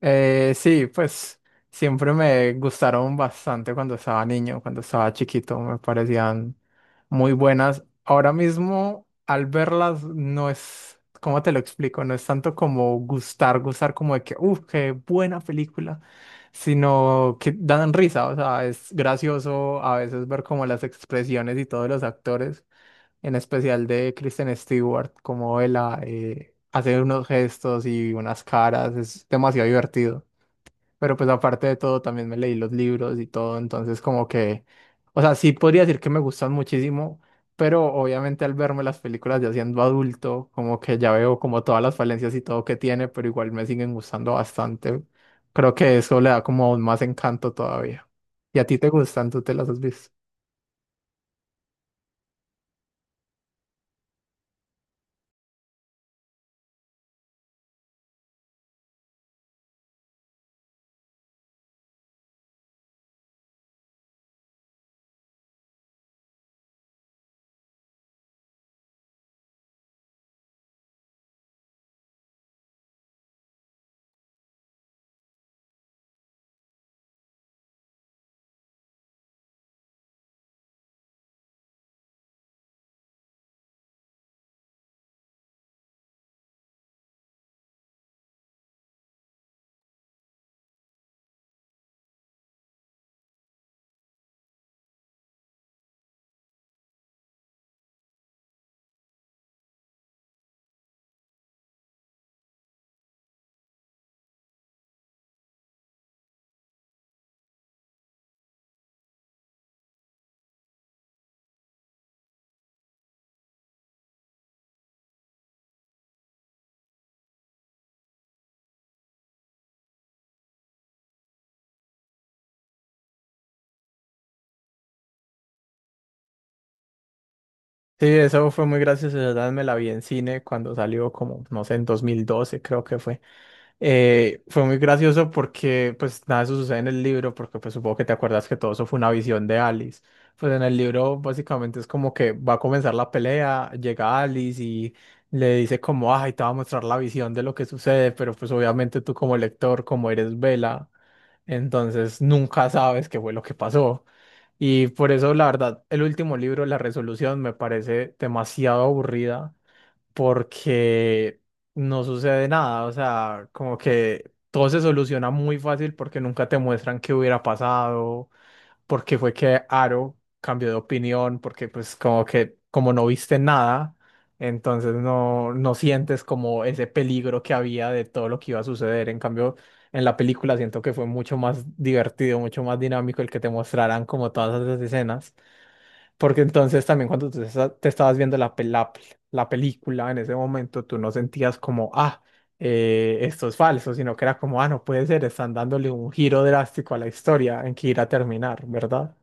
Sí, pues siempre me gustaron bastante cuando estaba niño, cuando estaba chiquito, me parecían muy buenas. Ahora mismo, al verlas, no es, ¿cómo te lo explico? No es tanto como gustar, gustar como de que, uff, qué buena película, sino que dan risa, o sea, es gracioso a veces ver como las expresiones y todos los actores en especial de Kristen Stewart, como ella hace unos gestos y unas caras, es demasiado divertido. Pero pues aparte de todo, también me leí los libros y todo, entonces como que, o sea, sí podría decir que me gustan muchísimo, pero obviamente al verme las películas ya siendo adulto, como que ya veo como todas las falencias y todo que tiene, pero igual me siguen gustando bastante. Creo que eso le da como aún más encanto todavía. ¿Y a ti te gustan? ¿Tú te las has visto? Sí, eso fue muy gracioso, la verdad me la vi en cine cuando salió como, no sé, en 2012 creo que fue. Fue muy gracioso porque pues nada de eso sucede en el libro, porque pues supongo que te acuerdas que todo eso fue una visión de Alice. Pues en el libro básicamente es como que va a comenzar la pelea, llega Alice y le dice como, ay, te va a mostrar la visión de lo que sucede, pero pues obviamente tú como lector, como eres Vela, entonces nunca sabes qué fue lo que pasó. Y por eso, la verdad, el último libro, La Resolución, me parece demasiado aburrida porque no sucede nada. O sea, como que todo se soluciona muy fácil porque nunca te muestran qué hubiera pasado, porque fue que Aro cambió de opinión, porque pues como que como no viste nada, entonces no, no sientes como ese peligro que había de todo lo que iba a suceder. En cambio, en la película siento que fue mucho más divertido, mucho más dinámico el que te mostraran como todas esas escenas. Porque entonces también cuando tú te estabas viendo la película en ese momento, tú no sentías como, ah, esto es falso, sino que era como, ah, no puede ser, están dándole un giro drástico a la historia en que irá a terminar, ¿verdad?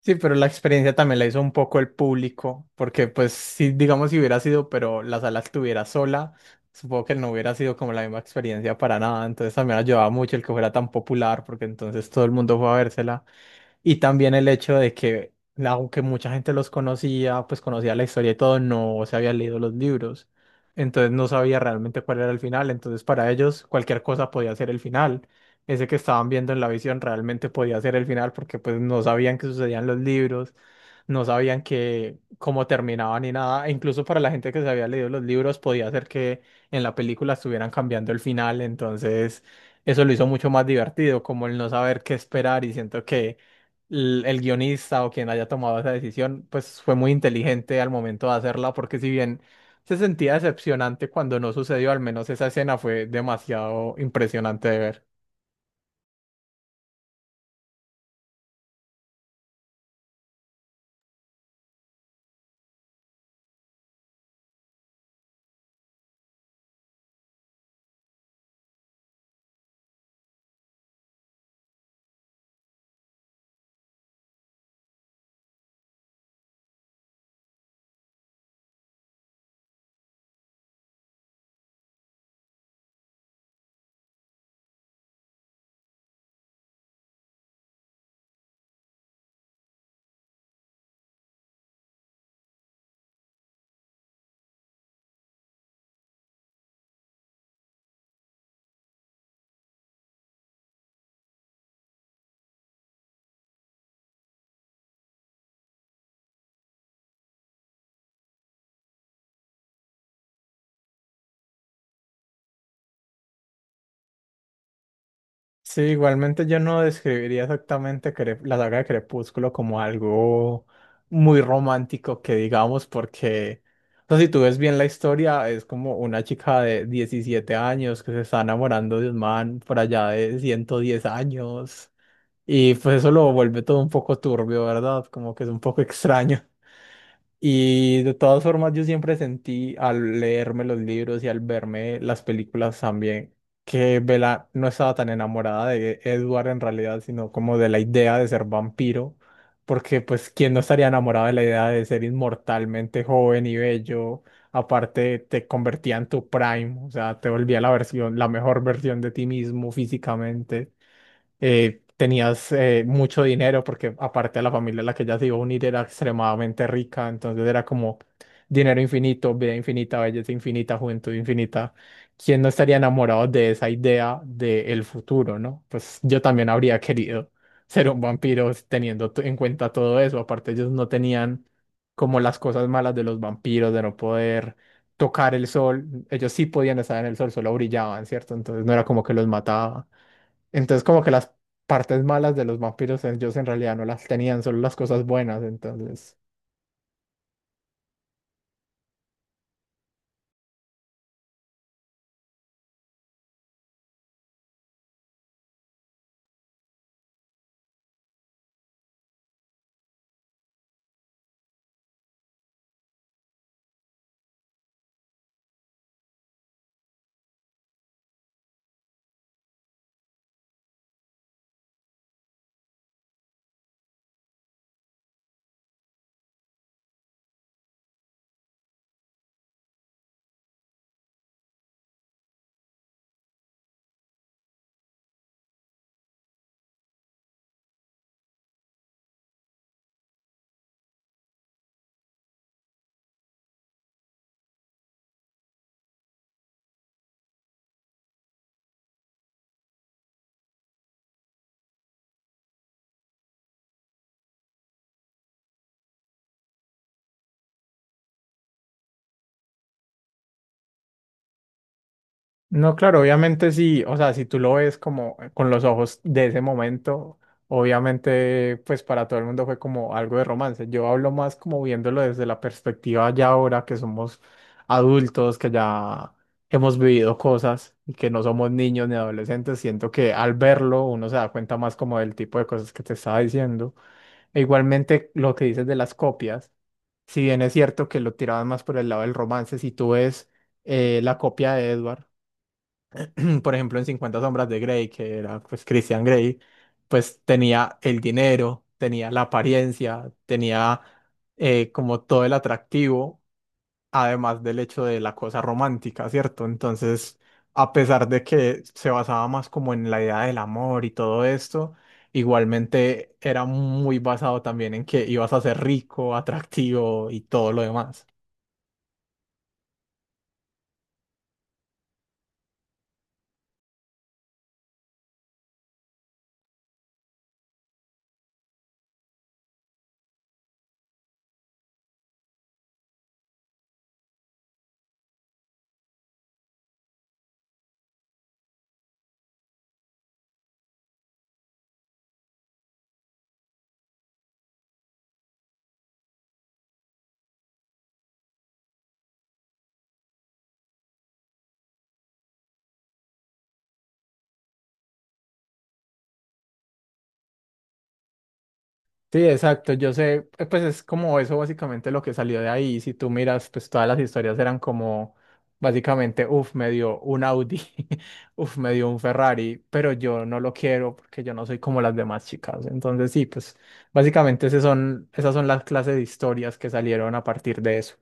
Sí, pero la experiencia también la hizo un poco el público, porque pues sí, digamos, si hubiera sido, pero la sala estuviera sola, supongo que no hubiera sido como la misma experiencia para nada, entonces también ayudaba mucho el que fuera tan popular, porque entonces todo el mundo fue a vérsela. Y también el hecho de que, aunque mucha gente los conocía, pues conocía la historia y todo, no se había leído los libros. Entonces no sabía realmente cuál era el final. Entonces para ellos cualquier cosa podía ser el final. Ese que estaban viendo en la visión realmente podía ser el final porque pues no sabían qué sucedían los libros, no sabían que cómo terminaban ni nada. E incluso para la gente que se había leído los libros podía ser que en la película estuvieran cambiando el final. Entonces eso lo hizo mucho más divertido, como el no saber qué esperar y siento que el guionista o quien haya tomado esa decisión, pues fue muy inteligente al momento de hacerla, porque si bien se sentía decepcionante cuando no sucedió, al menos esa escena fue demasiado impresionante de ver. Sí, igualmente yo no describiría exactamente la saga de Crepúsculo como algo muy romántico que digamos, porque o sea, si tú ves bien la historia, es como una chica de 17 años que se está enamorando de un man por allá de 110 años. Y pues eso lo vuelve todo un poco turbio, ¿verdad? Como que es un poco extraño. Y de todas formas yo siempre sentí al leerme los libros y al verme las películas también que Bella no estaba tan enamorada de Edward en realidad, sino como de la idea de ser vampiro, porque pues quién no estaría enamorado de la idea de ser inmortalmente joven y bello. Aparte, te convertía en tu prime, o sea, te volvía la versión, la mejor versión de ti mismo físicamente. Tenías mucho dinero porque aparte la familia a la que ella se iba a unir era extremadamente rica, entonces era como dinero infinito, vida infinita, belleza infinita, juventud infinita. ¿Quién no estaría enamorado de esa idea del futuro, no? Pues yo también habría querido ser un vampiro teniendo en cuenta todo eso. Aparte, ellos no tenían como las cosas malas de los vampiros, de no poder tocar el sol. Ellos sí podían estar en el sol, solo brillaban, ¿cierto? Entonces no era como que los mataba. Entonces como que las partes malas de los vampiros ellos en realidad no las tenían, solo las cosas buenas. Entonces no, claro, obviamente sí, o sea, si tú lo ves como con los ojos de ese momento, obviamente pues para todo el mundo fue como algo de romance. Yo hablo más como viéndolo desde la perspectiva ya ahora que somos adultos, que ya hemos vivido cosas y que no somos niños ni adolescentes, siento que al verlo uno se da cuenta más como del tipo de cosas que te estaba diciendo. E igualmente lo que dices de las copias, si bien es cierto que lo tiraban más por el lado del romance, si tú ves la copia de Edward. Por ejemplo, en Cincuenta sombras de Grey, que era pues Christian Grey, pues tenía el dinero, tenía la apariencia, tenía como todo el atractivo, además del hecho de la cosa romántica, ¿cierto? Entonces, a pesar de que se basaba más como en la idea del amor y todo esto, igualmente era muy basado también en que ibas a ser rico, atractivo y todo lo demás. Sí, exacto. Yo sé, pues es como eso básicamente lo que salió de ahí. Si tú miras, pues todas las historias eran como básicamente, uff, me dio un Audi, uff, me dio un Ferrari, pero yo no lo quiero porque yo no soy como las demás chicas. Entonces sí, pues básicamente esas son las clases de historias que salieron a partir de eso.